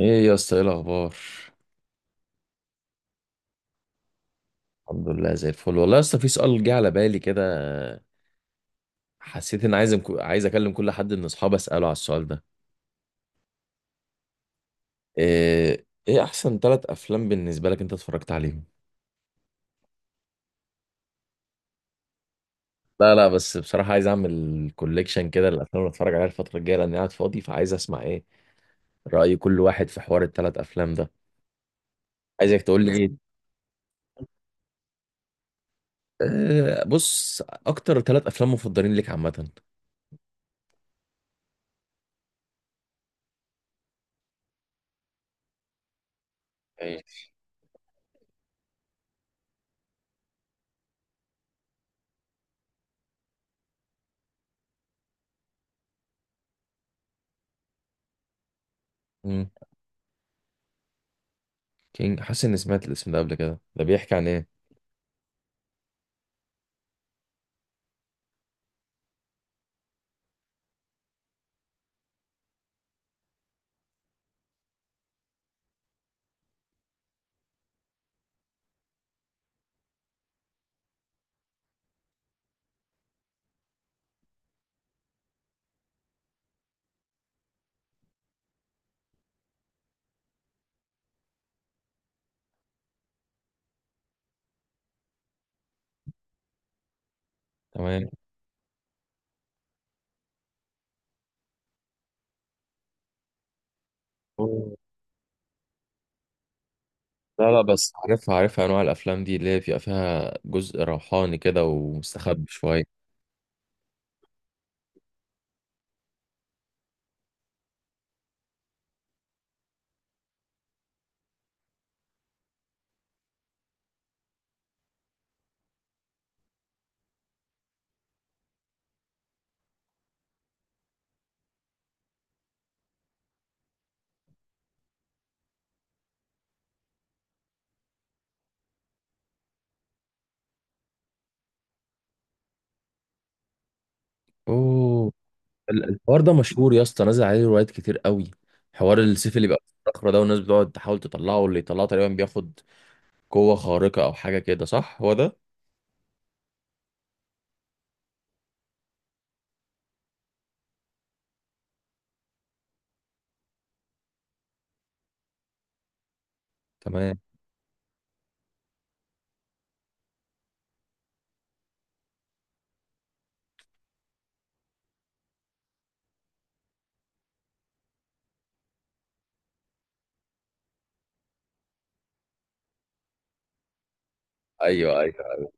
ايه يا اسطى، ايه الاخبار؟ الحمد لله، زي الفل والله يا اسطى. في سؤال جه على بالي كده. حسيت ان عايز اكلم كل حد من اصحابي اساله على السؤال ده. ايه احسن ثلاث افلام بالنسبه لك انت اتفرجت عليهم؟ لا، لا، بس بصراحه عايز اعمل كوليكشن كده الافلام اللي اتفرج عليها الفتره الجايه، لاني قاعد فاضي، فعايز اسمع ايه راي كل واحد في حوار الثلاث افلام ده. عايزك تقول لي ايه. إيه، بص. اكتر ثلاث افلام مفضلين ليك عامه. ماشي. امم. كينج، حاسس اني سمعت الاسم ده قبل كده. ده بيحكي عن ايه؟ تمام. لا، لا، بس عارفها عارفها انواع الافلام دي اللي هي بيبقى فيها جزء روحاني كده ومستخبي شويه. اوه. الحوار ده مشهور يا اسطى، نازل عليه روايات كتير قوي. حوار السيف اللي بيبقى في الصخره ده، والناس بتقعد تحاول تطلعه، واللي يطلعه تقريبا بياخد قوه خارقه او حاجه كده، صح هو ده؟ تمام. ايوه، ايوه.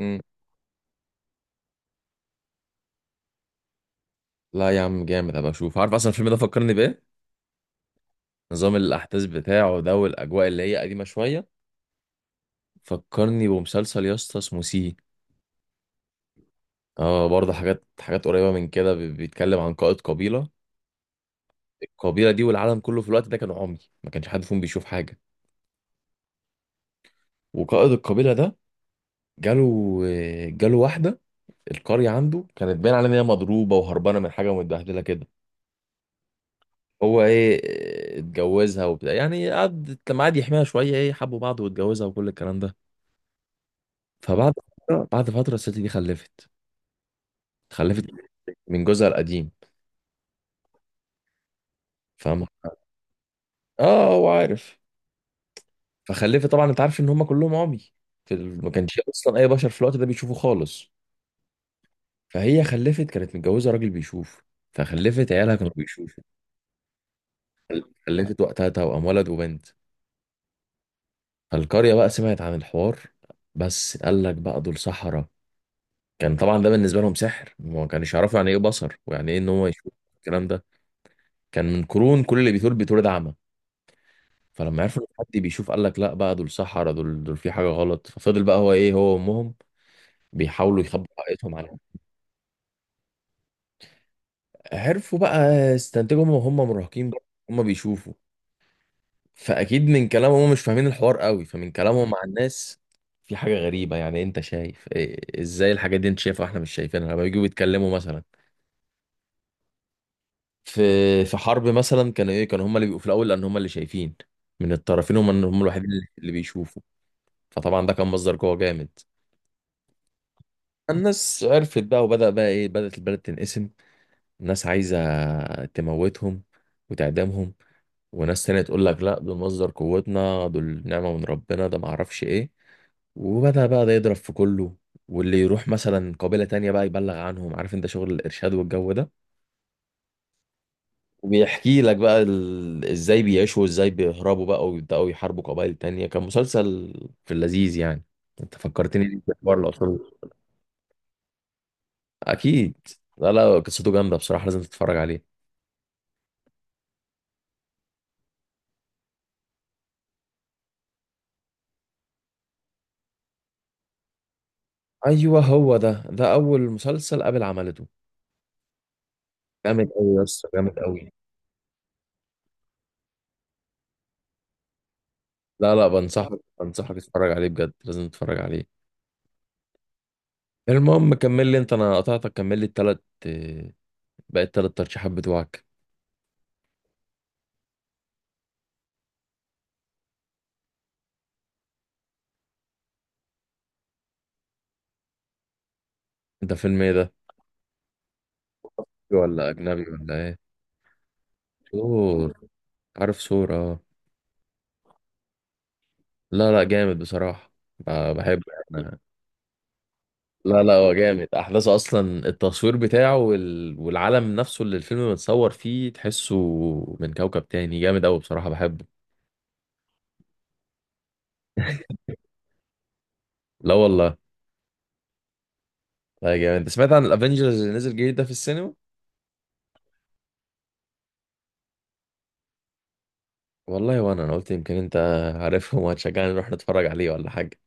امم. لا يا عم، جامد، هبقى اشوف. عارف اصلا الفيلم ده فكرني بايه؟ نظام الاحداث بتاعه ده والاجواء اللي هي قديمه شويه فكرني بمسلسل يا اسطى اسمه سي. اه، برضه حاجات حاجات قريبة من كده، بيتكلم عن قائد قبيلة. القبيلة دي والعالم كله في الوقت ده كانوا عمي. ما كانش حد فيهم بيشوف حاجة. وقائد القبيلة ده جاله جاله واحدة. القرية عنده كانت باين عليها ان هي مضروبة وهربانة من حاجة ومتبهدلة كده. هو ايه. اتجوزها وبتاع، يعني قعد لما قعد يحميها شوية، ايه، حبوا بعض واتجوزها وكل الكلام ده. فبعد فترة، بعد فترة الست دي خلفت. خلفت من جوزها القديم. فاهم؟ اه هو عارف. فخلفت. طبعا انت عارف ان هم كلهم عمي. ما كانش اصلا اي بشر في الوقت ده بيشوفوا خالص. فهي خلفت، كانت متجوزه راجل بيشوف. فخلفت، عيالها كانوا بيشوفوا. خلفت وقتها توأم، ولد وبنت. فالقريه بقى سمعت عن الحوار. بس قال لك بقى دول سحرة. كان طبعا ده بالنسبه لهم سحر، ما كانش يعرفوا يعني ايه بصر ويعني ايه ان هو يشوف الكلام ده. كان من قرون كل اللي بيتولد بيتولد اعمى. فلما عرفوا ان حد بيشوف قال لك لا بقى، دول سحرة، دول في حاجه غلط. ففضل بقى هو ايه، هو وامهم بيحاولوا يخبوا حقيقتهم على. عرفوا بقى يستنتجوا، هم وهم مراهقين بقى. هم بيشوفوا. فاكيد من كلامهم، هم مش فاهمين الحوار قوي، فمن كلامهم مع الناس في حاجه غريبه. يعني إيه انت شايف؟ إيه، ازاي الحاجات دي انت شايفها واحنا مش شايفينها؟ لما بيجوا يتكلموا مثلا في في حرب مثلا، كانوا ايه، كانوا هم اللي بيبقوا في الاول لان هم اللي شايفين. من الطرفين، هم هم الوحيدين اللي بيشوفوا. فطبعا ده كان مصدر قوه جامد. الناس عرفت بقى، وبدأ بقى ايه، بدأت البلد تنقسم. الناس عايزه تموتهم وتعدمهم، وناس تانية تقول لك لا، دول مصدر قوتنا، دول نعمة من ربنا، ده معرفش ايه. وبدأ بقى ده يضرب في كله. واللي يروح مثلا قبيلة تانية بقى يبلغ عنهم، عارف انت شغل الإرشاد والجو ده. وبيحكي لك بقى ازاي بيعيشوا وازاي بيهربوا بقى، ويبدأوا يحاربوا قبائل تانية. كان مسلسل في اللذيذ يعني. انت فكرتني بيه في حوار الأصول. أكيد. لا، لا، قصته جامدة بصراحة، لازم تتفرج عليه. أيوه هو ده، ده أول مسلسل قابل عملته. جامد أوي يا اسطى، جامد أوي. لا، لا، بنصحك بنصحك تتفرج عليه بجد، لازم تتفرج عليه. المهم كمل لي انت، انا قطعتك. كمل لي التلات آه، باقي التلات ترشيحات بتوعك. ده فيلم ايه ده؟ ولا اجنبي ولا ايه؟ سور؟ عارف سور، اه. لا، لا، جامد بصراحة. بحبه يعني. لا، لا، هو جامد، احداثه اصلا التصوير بتاعه والعالم نفسه اللي الفيلم متصور فيه تحسه من كوكب تاني، جامد قوي بصراحة، بحبه. لا والله. لا جامد. انت سمعت عن الافنجرز اللي نزل جديد ده في السينما؟ والله، وانا قلت يمكن انت عارفهم وهتشجعني نروح نتفرج عليه ولا حاجه.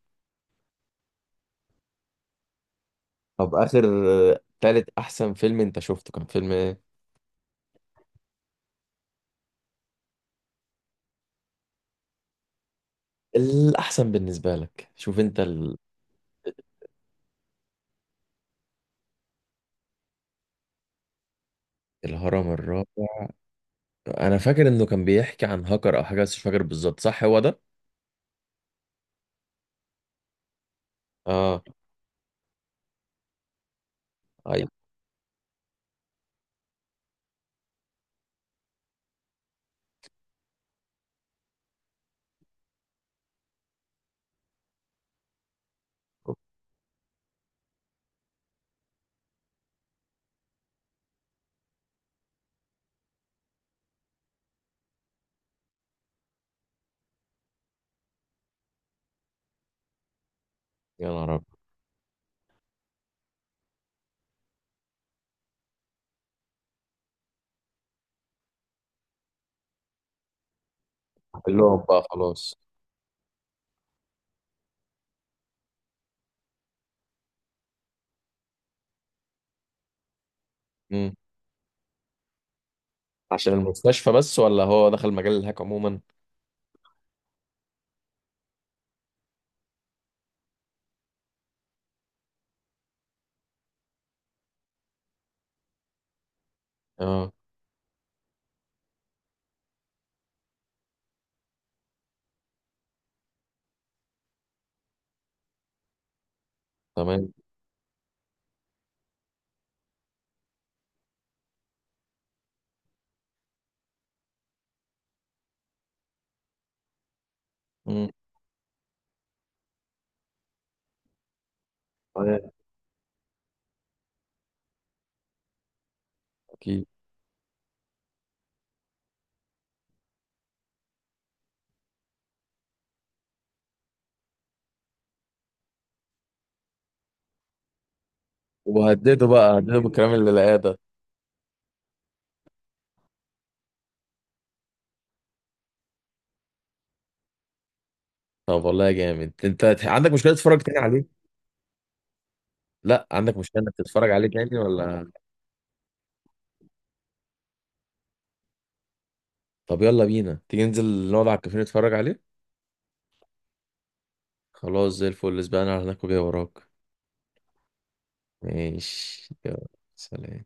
طب، اخر آه، تالت احسن فيلم انت شفته كان فيلم ايه؟ الاحسن بالنسبه لك، شوف انت الهرم الرابع. انا فاكر انه كان بيحكي عن هاكر او حاجه، بس مش فاكر بالظبط، صح هو ده؟ اه. ايوه. يا نهار ابيض! كلهم بقى خلاص. امم. عشان المستشفى بس ولا هو دخل مجال الهاك عموما؟ اه. تمام. امم. تمام. اكيد. وهدده بقى، هدده بالكلام اللي لقاه ده. طب والله جامد. انت عندك مشكله تتفرج تاني عليه؟ لا عندك مشكلة انك تتفرج عليه تاني ولا؟ طب يلا بينا، تيجي ننزل نقعد على الكافيه نتفرج عليه. خلاص زي الفل، اسبقنا على هناك وجاي وراك. ماشي يلا. سلام.